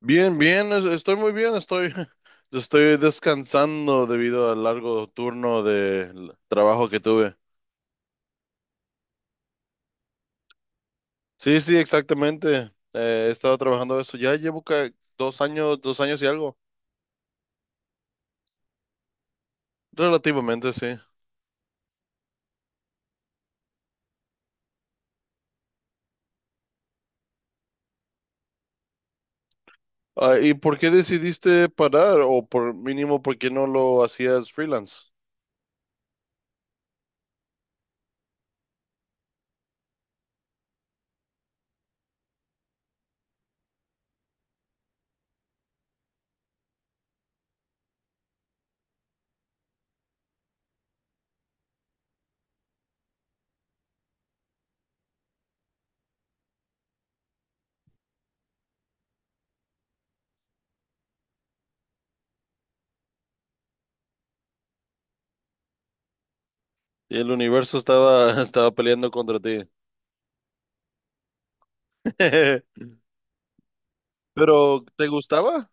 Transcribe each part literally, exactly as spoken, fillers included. Bien, bien, es- estoy muy bien, estoy, estoy descansando debido al largo turno de trabajo que tuve. Sí, sí, exactamente. Eh, he estado trabajando eso. Ya llevo ca- dos años, dos años y algo. Relativamente, sí. Ah, ¿y por qué decidiste parar? O por mínimo, ¿por qué no lo hacías freelance? Y el universo estaba, estaba peleando contra ti. Pero, ¿te gustaba?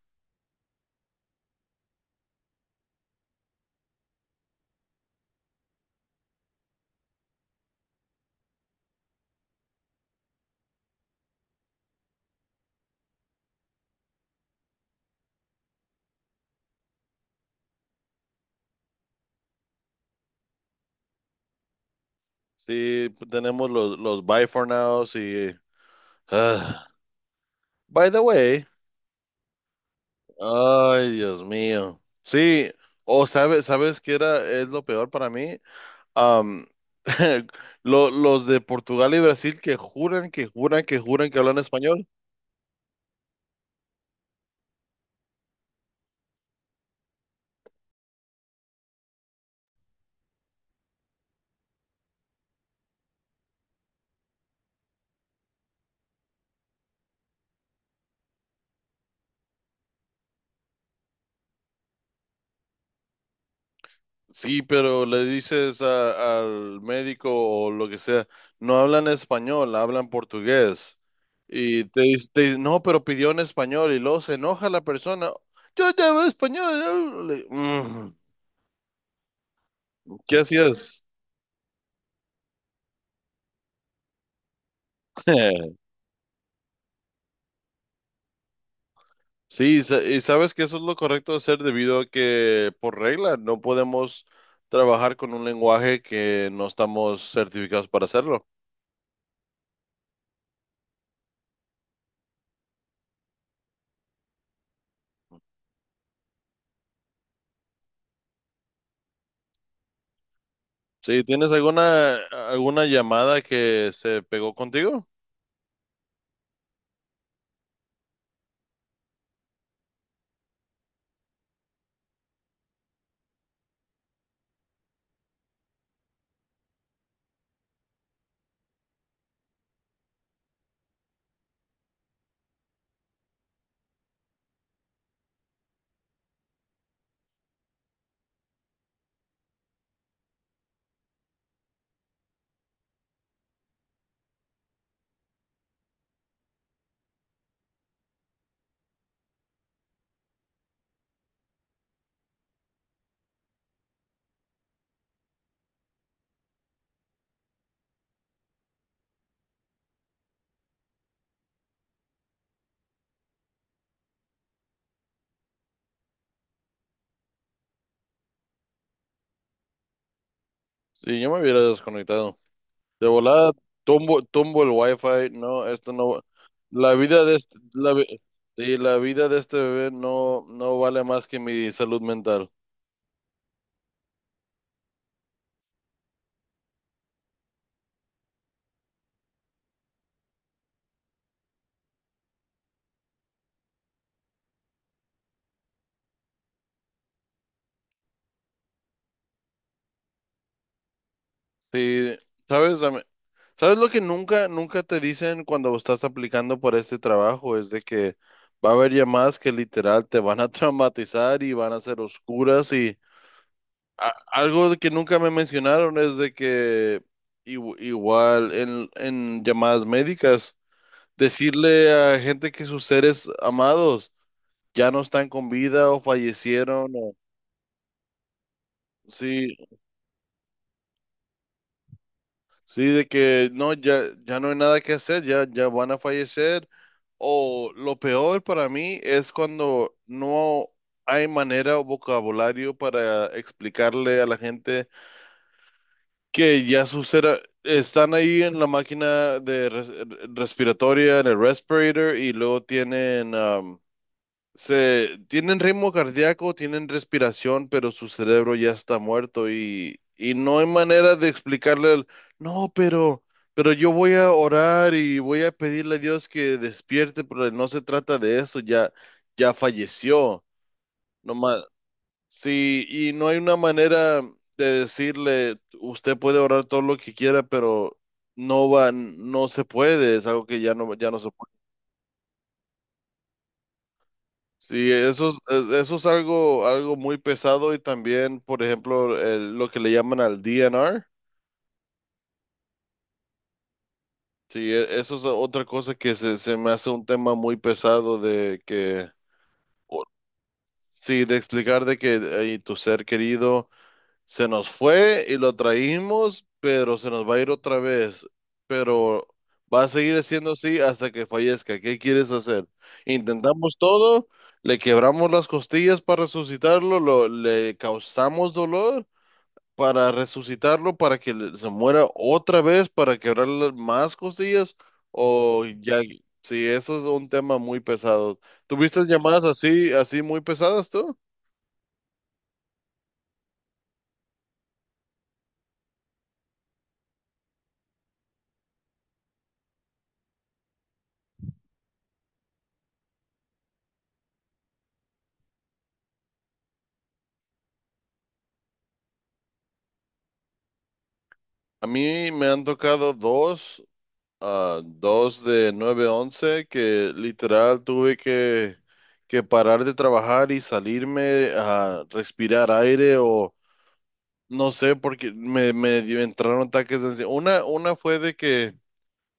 Sí, tenemos los, los Buy for Nows y... ah. By the way. Ay, Dios mío. Sí, o sabes, sabes qué era, es lo peor para mí. Am, lo- los de Portugal y Brasil que juran, que juran, que juran que hablan español. Sí, pero le dices a- al médico o lo que sea, no hablan español, hablan portugués. Y te dice, no, pero pidió en español y luego se enoja la persona. Yo te hablo español. Yo hablo-". Mm, ¿qué hacías? Sí, y sa- y sabes que eso es lo correcto de hacer debido a que por regla no podemos trabajar con un lenguaje que no estamos certificados para hacerlo. Sí, ¿tienes alguna alguna llamada que se pegó contigo? Sí, yo me hubiera desconectado. De volada, tumbo, tumbo el wifi. No, esto no. va- La vida de este, la, vi- sí, la vida de este bebé no, no vale más que mi salud mental. Sí, ¿sabes? ¿Sabes lo que nunca, nunca te dicen cuando estás aplicando por este trabajo? Es de que va a haber llamadas que literal te van a traumatizar y van a ser oscuras y a- algo de que nunca me mencionaron es de que igu- igual en, en llamadas médicas, decirle a gente que sus seres amados ya no están con vida o fallecieron o sí. Sí, de que no, ya, ya no hay nada que hacer, ya, ya van a fallecer. O lo peor para mí es cuando no hay manera o vocabulario para explicarle a la gente que ya sus cera- están ahí en la máquina de res- respiratoria, en el respirator, y luego tienen se tienen ritmo cardíaco, tienen respiración, pero su cerebro ya está muerto y, y no hay manera de explicarle el, no, pero, pero yo voy a orar y voy a pedirle a Dios que despierte, pero no se trata de eso, ya, ya falleció. No ma- sí, y no hay una manera de decirle, usted puede orar todo lo que quiera, pero no va, no se puede, es algo que ya no, ya no se. Sí, eso es, es- eso es algo, algo muy pesado y también, por ejemplo, el- lo que le llaman al D N R. Sí, e- eso es otra cosa que se, se me hace un tema muy pesado de que, o- sí, de explicar de que eh, tu ser querido se nos fue y lo traímos, pero se nos va a ir otra vez, pero va a seguir siendo así hasta que fallezca. ¿Qué quieres hacer? Intentamos todo. Le quebramos las costillas para resucitarlo, lo- le causamos dolor para resucitarlo, para que le- se muera otra vez, para quebrar las más costillas, o ya, sí, eso es un tema muy pesado. ¿Tuviste llamadas así, así muy pesadas tú? A mí me han tocado dos, ah, dos de nueve once que literal tuve que, que parar de trabajar y salirme a respirar aire o no sé, porque me, me dio- entraron ataques de ansiedad. Una, una fue de que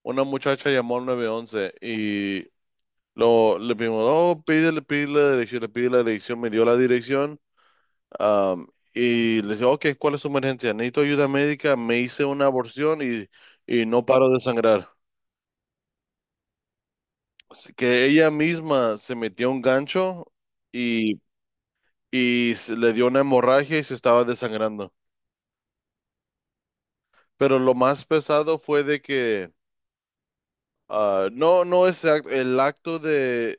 una muchacha llamó al nueve once y lo, le pedimos, oh, pídele, pídele la dirección, le pide la dirección, me dio la dirección. am, y le dije, ok, ¿cuál es su emergencia? Necesito ayuda médica, me hice una aborción y, y no paro de sangrar. Así que ella misma se metió un gancho y, y se- le dio una hemorragia y se estaba desangrando. Pero lo más pesado fue de que, ah, no, no es act- el acto de,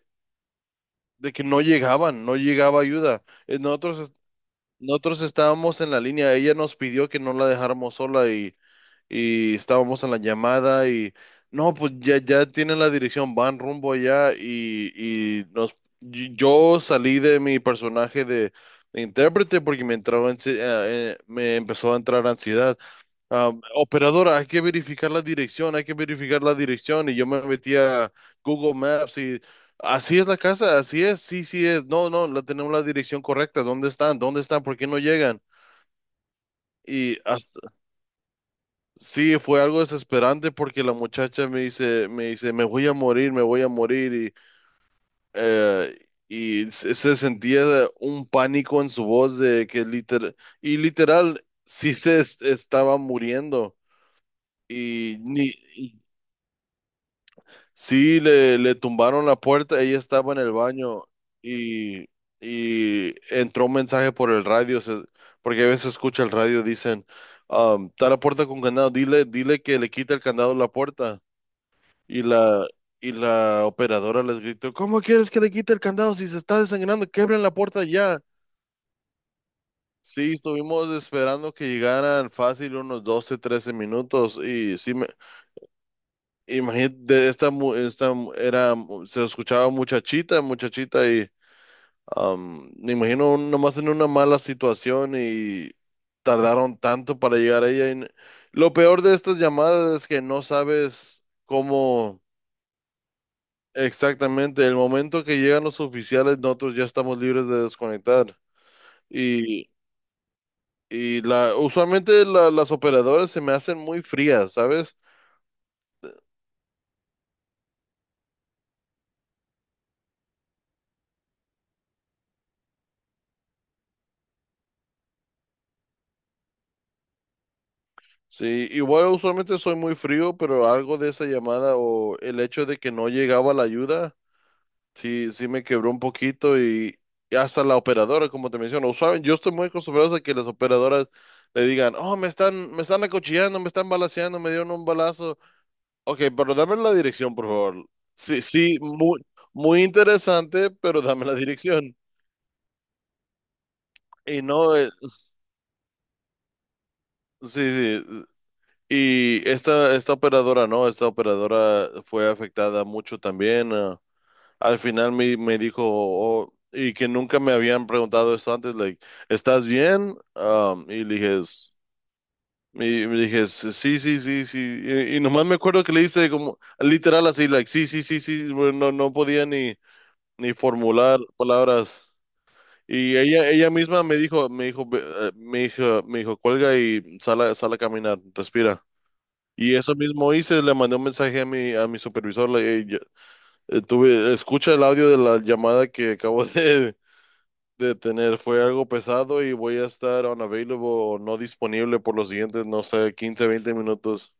de que no llegaban, no llegaba ayuda. Eh, Nosotros Nosotros estábamos en la línea, ella nos pidió que no la dejáramos sola y, y estábamos en la llamada y no, pues ya, ya tienen la dirección, van rumbo allá y, y nos, y- yo salí de mi personaje de, de intérprete porque me entraba ansi- eh, eh, me empezó a entrar ansiedad. Um, operadora, hay que verificar la dirección, hay que verificar la dirección. Y yo me metí a Google Maps y así es la casa, así es, sí, sí es. No, no, la tenemos la dirección correcta. ¿Dónde están? ¿Dónde están? ¿Por qué no llegan? Y hasta, sí, fue algo desesperante porque la muchacha me dice, me dice, me voy a morir, me voy a morir. Y, eh, y se, se sentía un pánico en su voz de que literal, y literal, sí se es- estaba muriendo. Y ni, sí, le, le tumbaron la puerta, ella estaba en el baño y, y entró un mensaje por el radio, se- porque a veces escucha el radio, dicen, um, está la puerta con candado, dile, dile que le quite el candado a la puerta. Y la, y la operadora les gritó, ¿cómo quieres que le quite el candado si se está desangrando? Quebren la puerta ya. Sí, estuvimos esperando que llegaran fácil unos doce, trece minutos y sí, imagínate, de esta, mu- esta mu- era, se escuchaba muchachita, muchachita y am, me imagino un- nomás en una mala situación y tardaron tanto para llegar a ella. Y n- lo peor de estas llamadas es que no sabes cómo exactamente. El momento que llegan los oficiales, nosotros ya estamos libres de desconectar. Y, y la, usualmente la- las operadoras se me hacen muy frías, ¿sabes? Sí, igual usualmente soy muy frío, pero algo de esa llamada o el hecho de que no llegaba la ayuda, sí, sí me quebró un poquito y, y hasta la operadora, como te menciono, usualmente yo estoy muy acostumbrado a que las operadoras le digan, oh, me están, me están acuchillando, me están balaceando, me dieron un balazo. Ok, pero dame la dirección, por favor. Sí, sí, muy, muy interesante, pero dame la dirección. Y no, eh, sí, sí, y esta, esta operadora, ¿no? Esta operadora fue afectada mucho también. Ah, al final me, me dijo, "Oh", y que nunca me habían preguntado esto antes, like, ¿estás bien? Um, y le dije, "S- y me dije, "S- sí, sí, sí, sí". Y, y nomás me acuerdo que le hice como, literal así, like, sí, sí, sí, sí. Bueno, no, no podía ni, ni formular palabras. Y ella, ella misma me dijo, me dijo, "Ve- eh", me dijo, me dijo, cuelga y sal a, sal a caminar, respira. Y eso mismo hice, le mandé un mensaje a mi, a mi supervisor, le, eh, yo- eh, tuve, escucha el audio de la llamada que acabo de, de tener, fue algo pesado y voy a estar unavailable o no disponible por los siguientes, no sé, quince veinte minutos.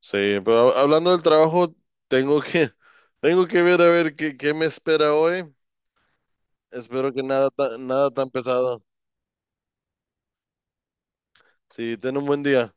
Sí, pero hab- hablando del trabajo, tengo que, tengo que ver a ver qué, qué me espera hoy. Espero que nada, ta- nada tan pesado. Sí, ten un buen día.